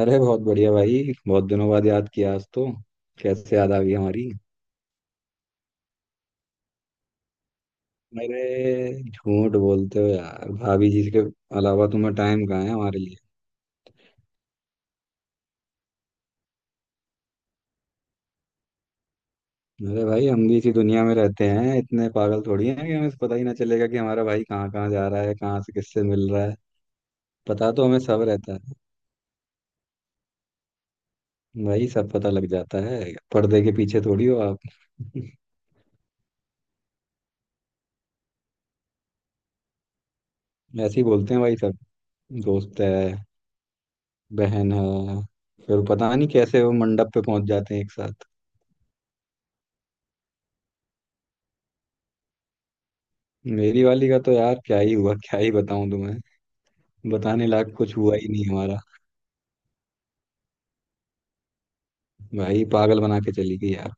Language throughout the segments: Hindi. अरे बहुत बढ़िया भाई, बहुत दिनों बाद याद किया आज तो। कैसे याद आ गई हमारी? अरे झूठ बोलते हो यार, भाभी जी के अलावा तुम्हें टाइम कहाँ है हमारे लिए? अरे भाई, हम भी इसी दुनिया में रहते हैं। इतने पागल थोड़ी हैं कि हमें पता ही ना चलेगा कि हमारा भाई कहाँ कहाँ जा रहा है, कहाँ से किससे मिल रहा है। पता तो हमें सब रहता है भाई, सब पता लग जाता है। पर्दे के पीछे थोड़ी हो आप। ऐसे ही बोलते हैं भाई सब। दोस्त है, बहन है, फिर पता नहीं कैसे वो मंडप पे पहुंच जाते हैं एक साथ। मेरी वाली का तो यार क्या ही हुआ, क्या ही बताऊं तुम्हें। बताने लायक कुछ हुआ ही नहीं हमारा। भाई पागल बना के चली गई यार।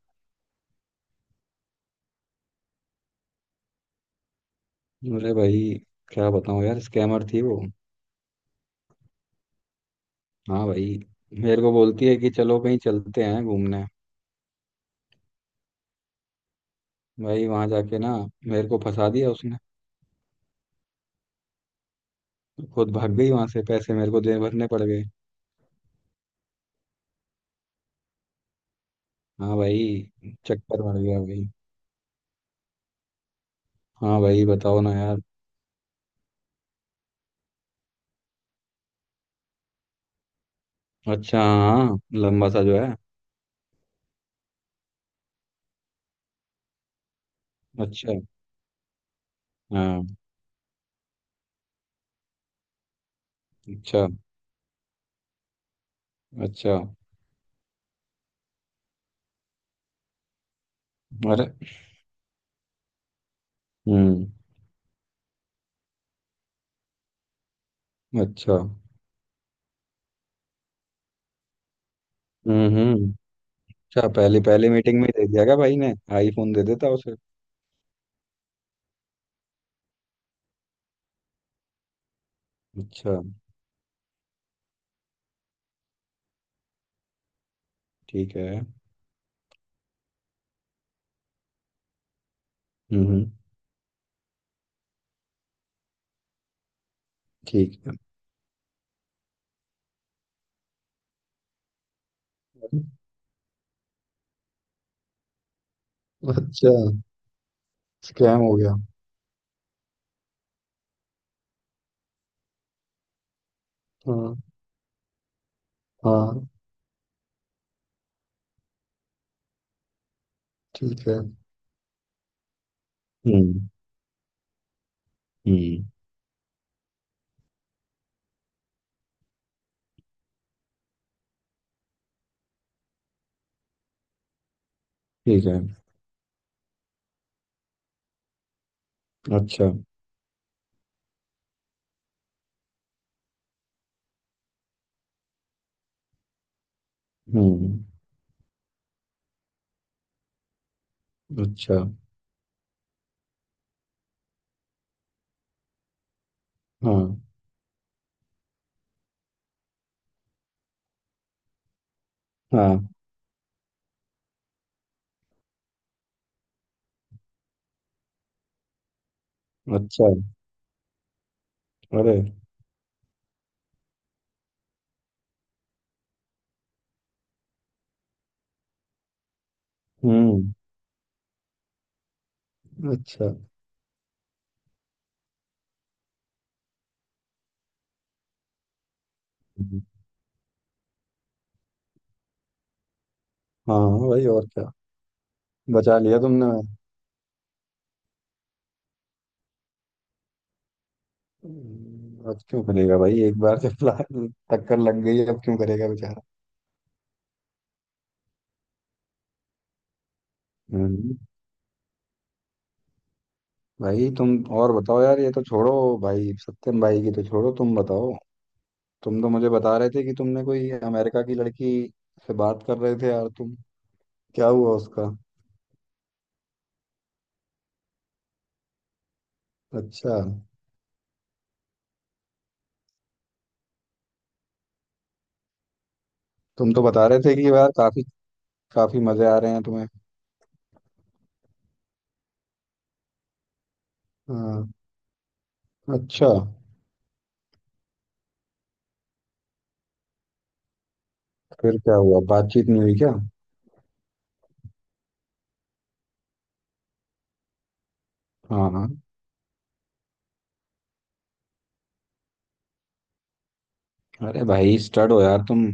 अरे भाई, क्या बताऊं यार, स्कैमर थी वो। हाँ भाई, मेरे को बोलती है कि चलो कहीं चलते हैं घूमने। भाई वहां जाके ना मेरे को फंसा दिया उसने। खुद भाग गई वहां से, पैसे मेरे को दे भरने पड़ गए। हाँ भाई, चक्कर मार गया भाई। हाँ भाई, बताओ ना यार। अच्छा हाँ, लंबा सा जो है। अच्छा। हाँ। अच्छा। अच्छा। अरे। हम्म। अच्छा। हम्म हम्म। अच्छा, पहले पहले मीटिंग में ही दे दिया क्या? भाई ने आईफोन दे देता उसे। अच्छा। ठीक है। हम्म हम्म, ठीक है। अच्छा। स्कैम हो गया। हाँ। हाँ, ठीक है। हम्म। हम्म। ठीक है। अच्छा। हम्म। अच्छा। हाँ। हाँ। अच्छा। अरे। हम्म। अच्छा। हम्म, हाँ भाई और क्या। बचा लिया तुमने। अब क्यों करेगा भाई? एक बार जब टक्कर लग गई अब क्यों करेगा बेचारा। हम्म। भाई तुम और बताओ यार, ये तो छोड़ो भाई, सत्यम भाई की तो छोड़ो, तुम बताओ। तुम तो मुझे बता रहे थे कि तुमने कोई अमेरिका की लड़की से बात कर रहे थे यार तुम। क्या हुआ उसका? अच्छा। तुम तो बता रहे थे कि यार काफी काफी मजे आ रहे हैं तुम्हें। हाँ। अच्छा। फिर क्या हुआ, बातचीत नहीं हुई क्या? हाँ हाँ। अरे भाई, स्टड हो यार तुम।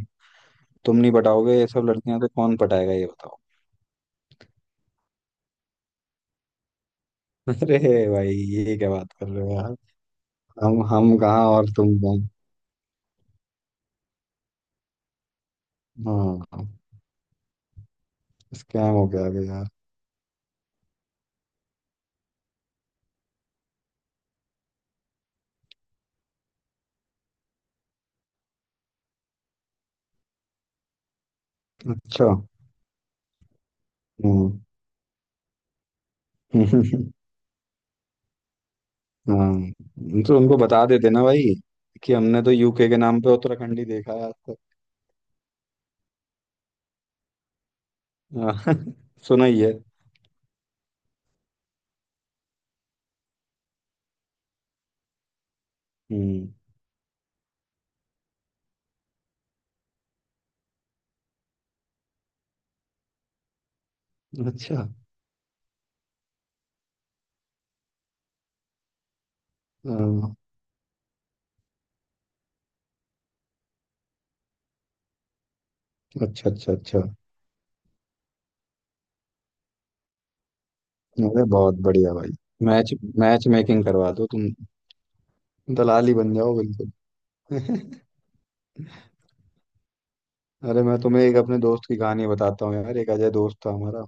तुम नहीं पटाओगे ये सब लड़कियां तो कौन पटाएगा ये बताओ? अरे भाई, ये क्या बात कर रहे हो यार? हम कहाँ और तुम कहाँ। हाँ। स्कैम हो गया अभी यार। अच्छा। हम्म। हाँ, तो उनको बता देते ना भाई कि हमने तो यूके के नाम पे उत्तराखंड ही देखा है आज तक। हाँ, सुना ही है। हम्म। अच्छा। हाँ, अच्छा अच्छा अच्छा। अरे बहुत बढ़िया भाई। मैच मैच मेकिंग करवा दो तुम। दलाल ही बन जाओ बिल्कुल। अरे, मैं तुम्हें एक अपने दोस्त की कहानी बताता हूँ यार। एक अजय दोस्त था हमारा।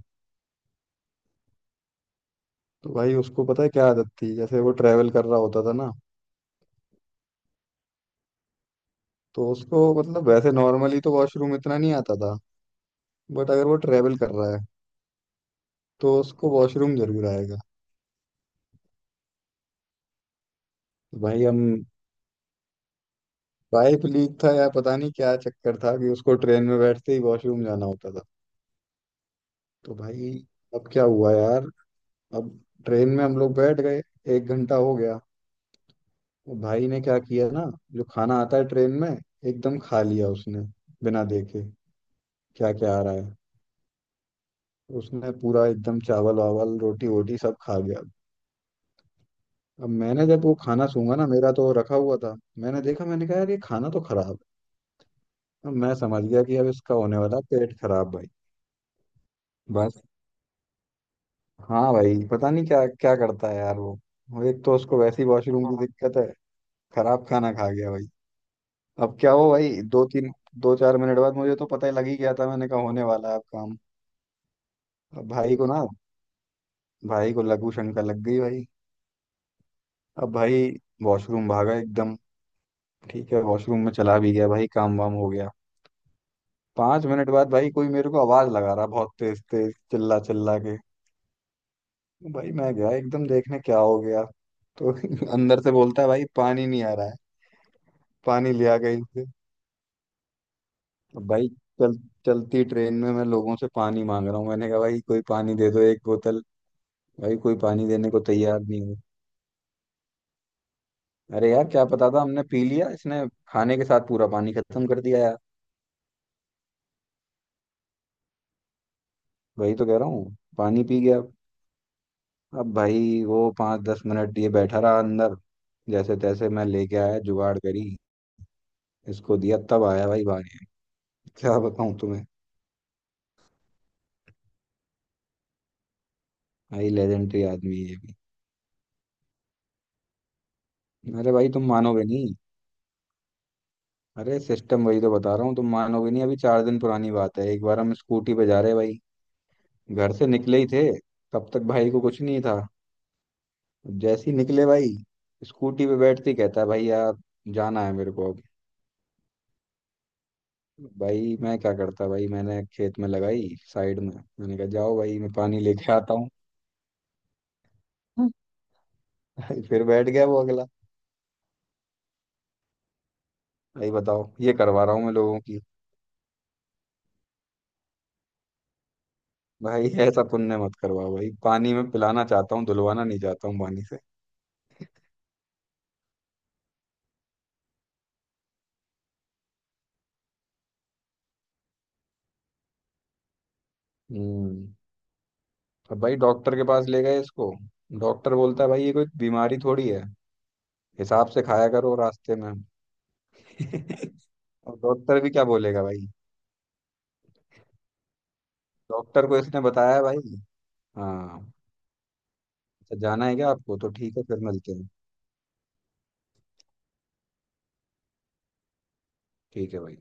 तो भाई, उसको पता है क्या आदत थी? जैसे वो ट्रेवल कर रहा होता था ना, तो उसको मतलब वैसे नॉर्मली तो वॉशरूम इतना नहीं आता था, बट अगर वो ट्रेवल कर रहा है तो उसको वॉशरूम जरूर आएगा। भाई हम, पाइप लीक था या पता नहीं क्या चक्कर था कि उसको ट्रेन में बैठते ही वॉशरूम जाना होता था। तो भाई, अब क्या हुआ यार? अब, ट्रेन में हम लोग बैठ गए, एक घंटा हो गया। वो भाई ने क्या किया ना, जो खाना आता है ट्रेन में एकदम खा लिया उसने, बिना देखे क्या क्या आ रहा है। उसने पूरा एकदम चावल वावल रोटी वोटी सब खा गया। अब मैंने जब वो खाना सूंघा ना, मेरा तो रखा हुआ था, मैंने देखा, मैंने कहा यार ये खाना तो खराब है। मैं समझ गया कि अब इसका होने वाला पेट खराब भाई। बस। हाँ भाई, पता नहीं क्या क्या करता है यार वो। वो एक तो उसको वैसी वॉशरूम की, हाँ, दिक्कत है। खराब खाना खा गया भाई। अब क्या हो भाई, दो तीन दो चार मिनट बाद मुझे तो पता ही लग ही गया था। मैंने कहा होने वाला है अब काम। अब भाई को ना, भाई को लघु शंका लग गई भाई। अब भाई वॉशरूम भागा एकदम। ठीक है, वॉशरूम में चला भी गया भाई, काम वाम हो गया। पांच मिनट बाद भाई कोई मेरे को आवाज लगा रहा, बहुत तेज तेज चिल्ला चिल्ला के। भाई मैं गया एकदम देखने क्या हो गया। तो अंदर से बोलता है भाई पानी नहीं आ रहा है, पानी लिया कहीं से? अब भाई, चल चलती ट्रेन में मैं लोगों से पानी मांग रहा हूँ। मैंने कहा भाई कोई पानी दे दो एक बोतल। भाई कोई पानी देने को तैयार नहीं हुए। अरे यार क्या पता था, हमने पी लिया इसने खाने के साथ पूरा पानी खत्म कर दिया यार। वही तो कह रहा हूँ, पानी पी गया। अब भाई वो पाँच दस मिनट ये बैठा रहा अंदर। जैसे तैसे मैं लेके आया, जुगाड़ करी, इसको दिया, तब आया भाई बाहर। क्या बताऊँ तुम्हें। भाई लेजेंडरी आदमी है ये भी। अरे भाई तुम मानोगे नहीं। अरे सिस्टम, वही तो बता रहा हूँ, तुम मानोगे नहीं। अभी चार दिन पुरानी बात है, एक बार हम स्कूटी पे जा रहे भाई। घर से निकले ही थे, तब तक भाई को कुछ नहीं था। जैसे ही निकले भाई, स्कूटी पे बैठते ही कहता है भाई यार, जाना है मेरे को अब। भाई मैं क्या करता भाई, मैंने खेत में लगाई साइड में। मैंने कहा जाओ भाई, मैं पानी लेके आता हूँ। भाई फिर बैठ गया वो अगला। भाई बताओ, ये करवा रहा हूँ मैं लोगों की। भाई ऐसा पुण्य मत करवाओ भाई, पानी में पिलाना चाहता हूँ, धुलवाना नहीं चाहता हूँ पानी से। हम्म, अब भाई डॉक्टर के पास ले गए इसको। डॉक्टर बोलता है भाई ये कोई बीमारी थोड़ी है, हिसाब से खाया करो रास्ते में। और डॉक्टर भी क्या बोलेगा भाई। डॉक्टर को इसने बताया है भाई। हाँ। अच्छा, जाना है क्या आपको? तो ठीक है, फिर मिलते हैं। ठीक है भाई।